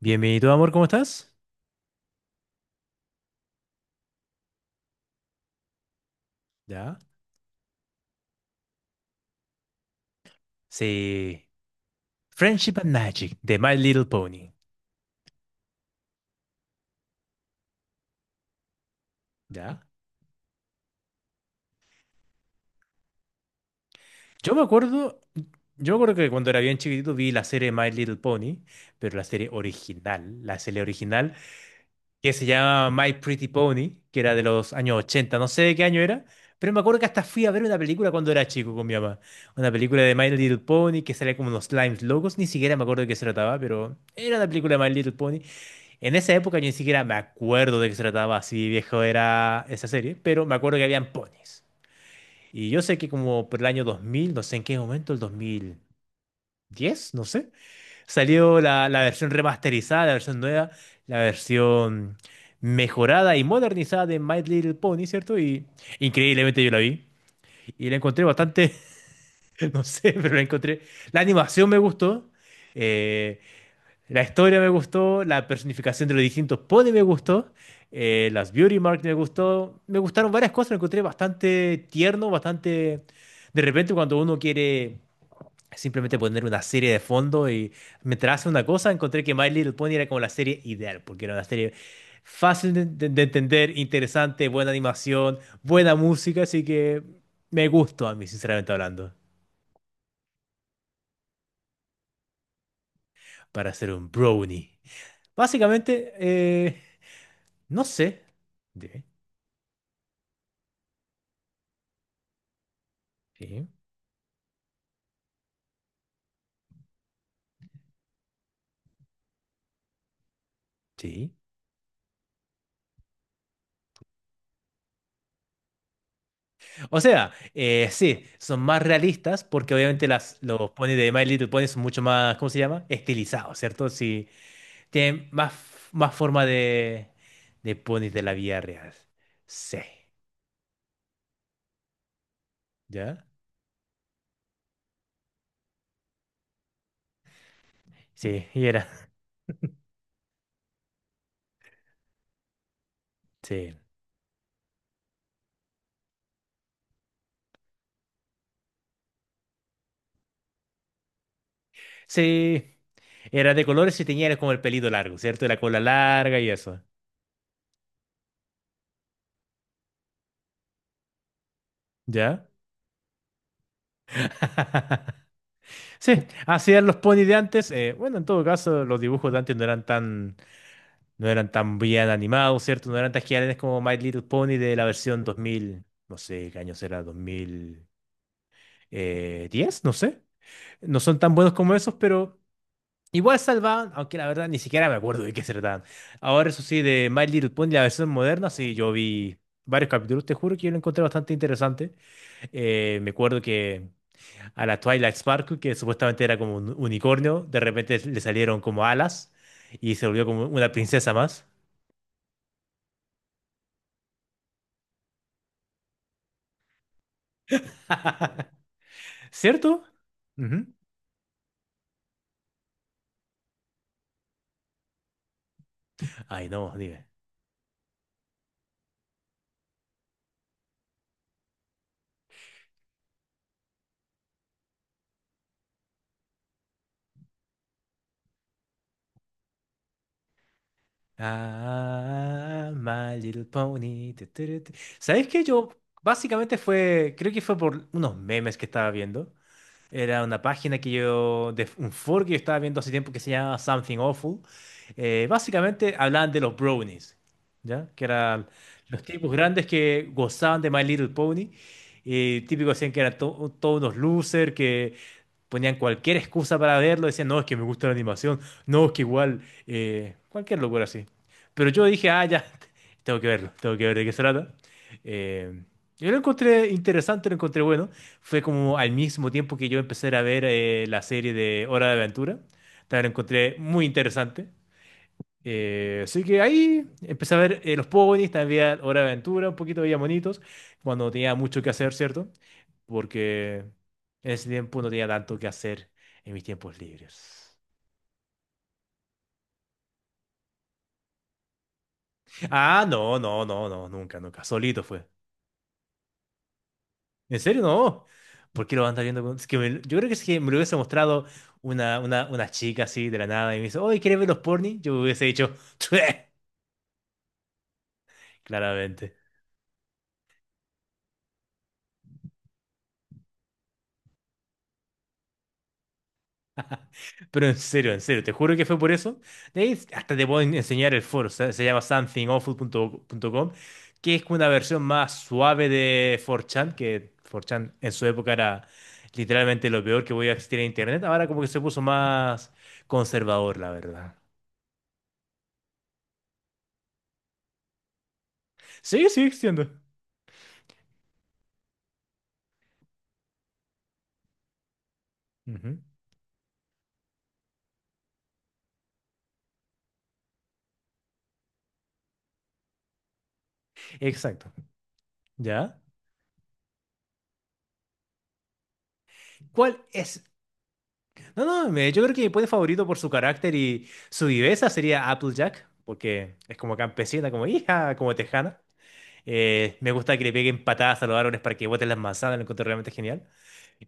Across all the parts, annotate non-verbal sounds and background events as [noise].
Bienvenido, amor, ¿cómo estás? ¿Ya? Sí. Friendship and Magic, de My Little Pony. ¿Ya? Yo me acuerdo, yo me acuerdo que cuando era bien chiquitito vi la serie My Little Pony, pero la serie original, que se llama My Pretty Pony, que era de los años 80, no sé de qué año era, pero me acuerdo que hasta fui a ver una película cuando era chico con mi mamá. Una película de My Little Pony que salía como unos slimes locos, ni siquiera me acuerdo de qué se trataba, pero era una película de My Little Pony. En esa época yo ni siquiera me acuerdo de qué se trataba, así viejo era esa serie, pero me acuerdo que habían ponis. Y yo sé que como por el año 2000, no sé en qué momento, el 2010, no sé, salió la versión remasterizada, la versión nueva, la versión mejorada y modernizada de My Little Pony, ¿cierto? Y increíblemente yo la vi y la encontré bastante, [laughs] no sé, pero la encontré. La animación me gustó. Eh, la historia me gustó, la personificación de los distintos ponies me gustó, las beauty marks me gustó, me gustaron varias cosas, lo encontré bastante tierno, bastante... De repente cuando uno quiere simplemente poner una serie de fondo y mientras hace una cosa, encontré que My Little Pony era como la serie ideal, porque era una serie fácil de entender, interesante, buena animación, buena música, así que me gustó a mí, sinceramente hablando, para hacer un brownie. Básicamente, no sé. Dime. Sí, sí. O sea, sí, son más realistas porque obviamente las, los ponis de My Little Pony son mucho más, ¿cómo se llama? Estilizados, ¿cierto? Sí, tienen más, más forma de, ponis de la vida real. Sí, ¿ya? Sí, y era, sí. Sí, era de colores y tenía era como el pelito largo, ¿cierto? Y la cola larga y eso, ¿ya? [laughs] Sí, así eran los ponis de antes. Bueno, en todo caso, los dibujos de antes no eran tan bien animados, ¿cierto? No eran tan geniales como My Little Pony de la versión 2000, no sé qué año será, 2010, no sé. No son tan buenos como esos, pero igual salvaban, aunque la verdad ni siquiera me acuerdo de qué se trataban. Ahora, eso sí, de My Little Pony, la versión moderna, sí, yo vi varios capítulos, te juro que yo lo encontré bastante interesante. Me acuerdo que a la Twilight Sparkle, que supuestamente era como un unicornio, de repente le salieron como alas y se volvió como una princesa más. [laughs] ¿Cierto? Ujú. Ay, no, dime. Ah, My Little Pony. Tu, tu, tu, tu. ¿Sabes qué? Yo Básicamente fue, creo que fue por unos memes que estaba viendo. Era una página de un foro que yo estaba viendo hace tiempo que se llama Something Awful. Básicamente hablaban de los brownies, ¿ya? Que eran los tipos grandes que gozaban de My Little Pony. Y típico decían que eran todos unos losers, que ponían cualquier excusa para verlo. Decían, no, es que me gusta la animación, no, es que igual, cualquier locura así. Pero yo dije, ah, ya, [laughs] tengo que verlo, tengo que ver de qué se trata. Eh, yo lo encontré interesante, lo encontré bueno, fue como al mismo tiempo que yo empecé a ver la serie de Hora de Aventura. También la encontré muy interesante. Así que ahí empecé a ver los ponies, también veía Hora de Aventura, un poquito veía monitos, cuando no tenía mucho que hacer, ¿cierto? Porque en ese tiempo no tenía tanto que hacer en mis tiempos libres. Ah, no, no, no, no, nunca, nunca. Solito fue. ¿En serio? No. ¿Por qué lo van a estar viendo? Es que yo creo que es que me lo hubiese mostrado una chica así de la nada y me dice, oye, ¿quieres ver los porni? Yo hubiese dicho, "Chue", claramente. Pero en serio, te juro que fue por eso. De ahí hasta te puedo enseñar el foro, se llama somethingawful punto com, que es como una versión más suave de 4chan, que 4chan en su época era literalmente lo peor que podía existir en internet. Ahora como que se puso más conservador, la verdad. Sigue, sigue existiendo. Ujú. Exacto. ¿Ya? ¿Cuál es? No, no, yo creo que mi puente favorito por su carácter y su viveza sería Applejack, porque es como campesina, como hija, como tejana. Me gusta que le peguen patadas a los árboles para que boten las manzanas, lo encuentro realmente genial.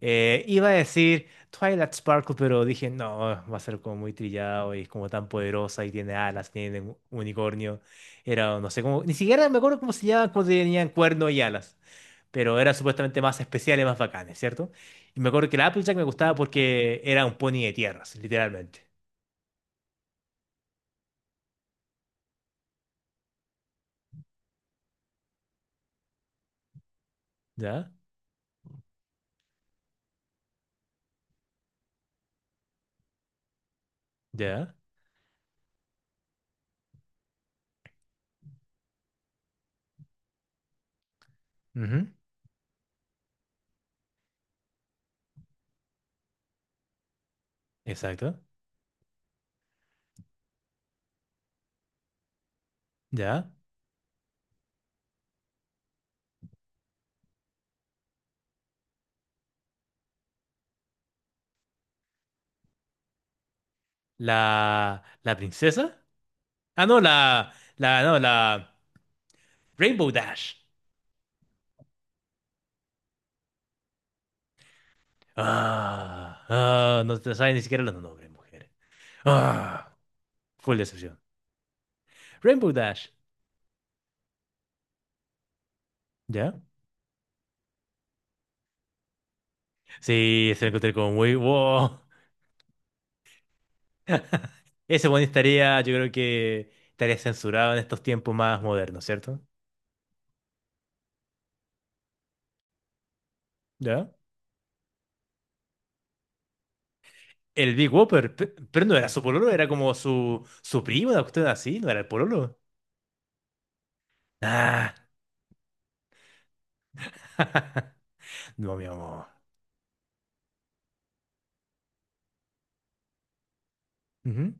Iba a decir Twilight Sparkle, pero dije, no, va a ser como muy trillado y es como tan poderosa y tiene alas, tiene un unicornio. Era, no sé cómo, ni siquiera me acuerdo cómo se llama cuando tenían cuerno y alas. Pero eran supuestamente más especiales, más bacanes, ¿cierto? Y me acuerdo que la Applejack me gustaba porque era un pony de tierras, literalmente. ¿Ya? ¿Ya? Ujú. Exacto. ¿Ya? La princesa. Ah, no, la, no, la Rainbow Dash. Ah, no te saben ni siquiera los nombres, mujer. Ah, Full decepción. Rainbow Dash. ¿Ya? Sí, se lo encontré como muy wow. [laughs] Ese boni estaría, yo creo que estaría censurado en estos tiempos más modernos, ¿cierto? ¿Ya? El Big Whopper, pero no era su pololo, era como su primo, una cuestión así, no era el pololo. Ah, [laughs] no, mi amor. Ujú.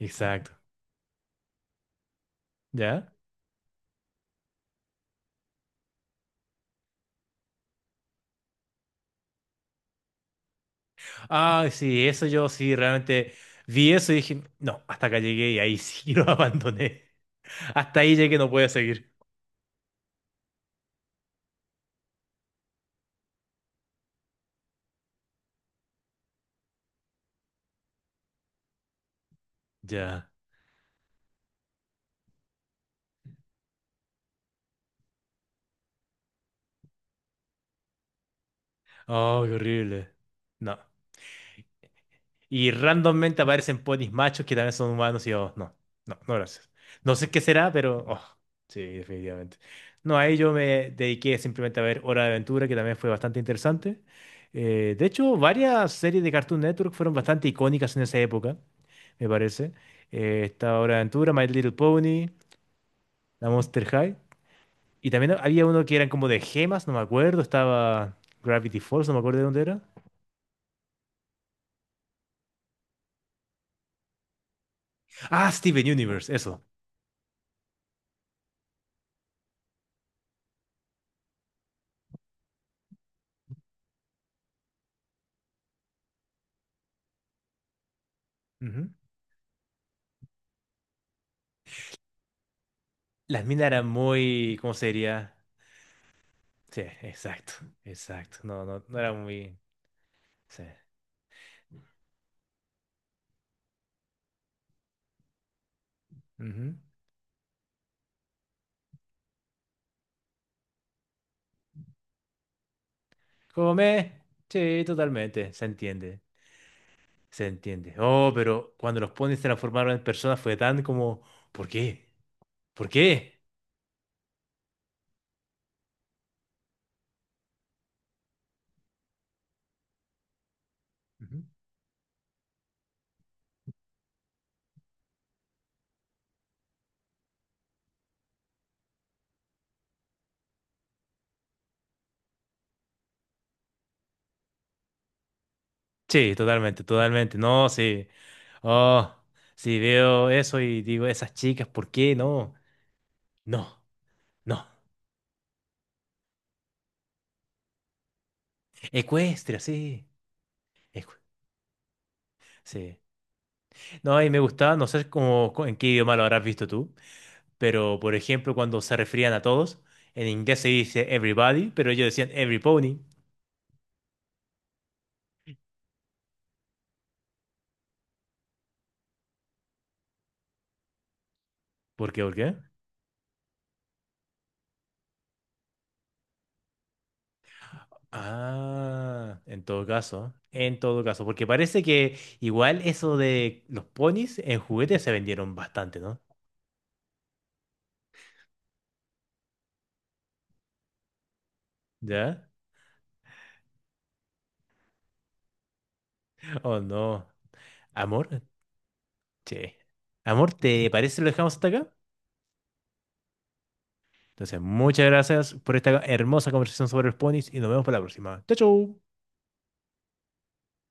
Exacto, ¿ya? Ah, sí, eso yo sí realmente vi eso y dije, no, hasta acá llegué y ahí sí [laughs] lo abandoné. Hasta ahí llegué, no podía seguir. Ya. Oh, qué horrible. No. Y randommente aparecen ponis machos que también son humanos y yo, no, no, no gracias. No sé qué será, pero, oh, sí, definitivamente. No, ahí yo me dediqué simplemente a ver Hora de Aventura, que también fue bastante interesante. De hecho, varias series de Cartoon Network fueron bastante icónicas en esa época, me parece. Esta Hora de Aventura, My Little Pony, la Monster High. Y también había uno que eran como de gemas, no me acuerdo. Estaba Gravity Falls, no me acuerdo de dónde era. Ah, Steven Universe, eso. Las minas eran muy, ¿cómo se diría? Sí, exacto, exacto. No, no, no era muy. Sí. Ujú. Come. Sí, totalmente. Se entiende. Se entiende. Oh, pero cuando los ponis se transformaron en personas fue tan como, ¿por qué? ¿Por qué? Ujú. Sí, totalmente, totalmente. No, sí. Oh, sí, veo eso y digo, esas chicas, ¿por qué? No, no, no. Ecuestria, sí. ecu- sí. No, y me gustaba, no sé cómo, en qué idioma lo habrás visto tú. Pero, por ejemplo, cuando se referían a todos, en inglés se dice everybody, pero ellos decían every pony. ¿Por qué? ¿Por qué? Ah, en todo caso, porque parece que igual eso de los ponis en juguetes se vendieron bastante, ¿no? ¿Ya? Oh, no. Amor, che. Amor, ¿te parece si lo dejamos hasta acá? Entonces, muchas gracias por esta hermosa conversación sobre los ponis y nos vemos para la próxima. Chau, chau.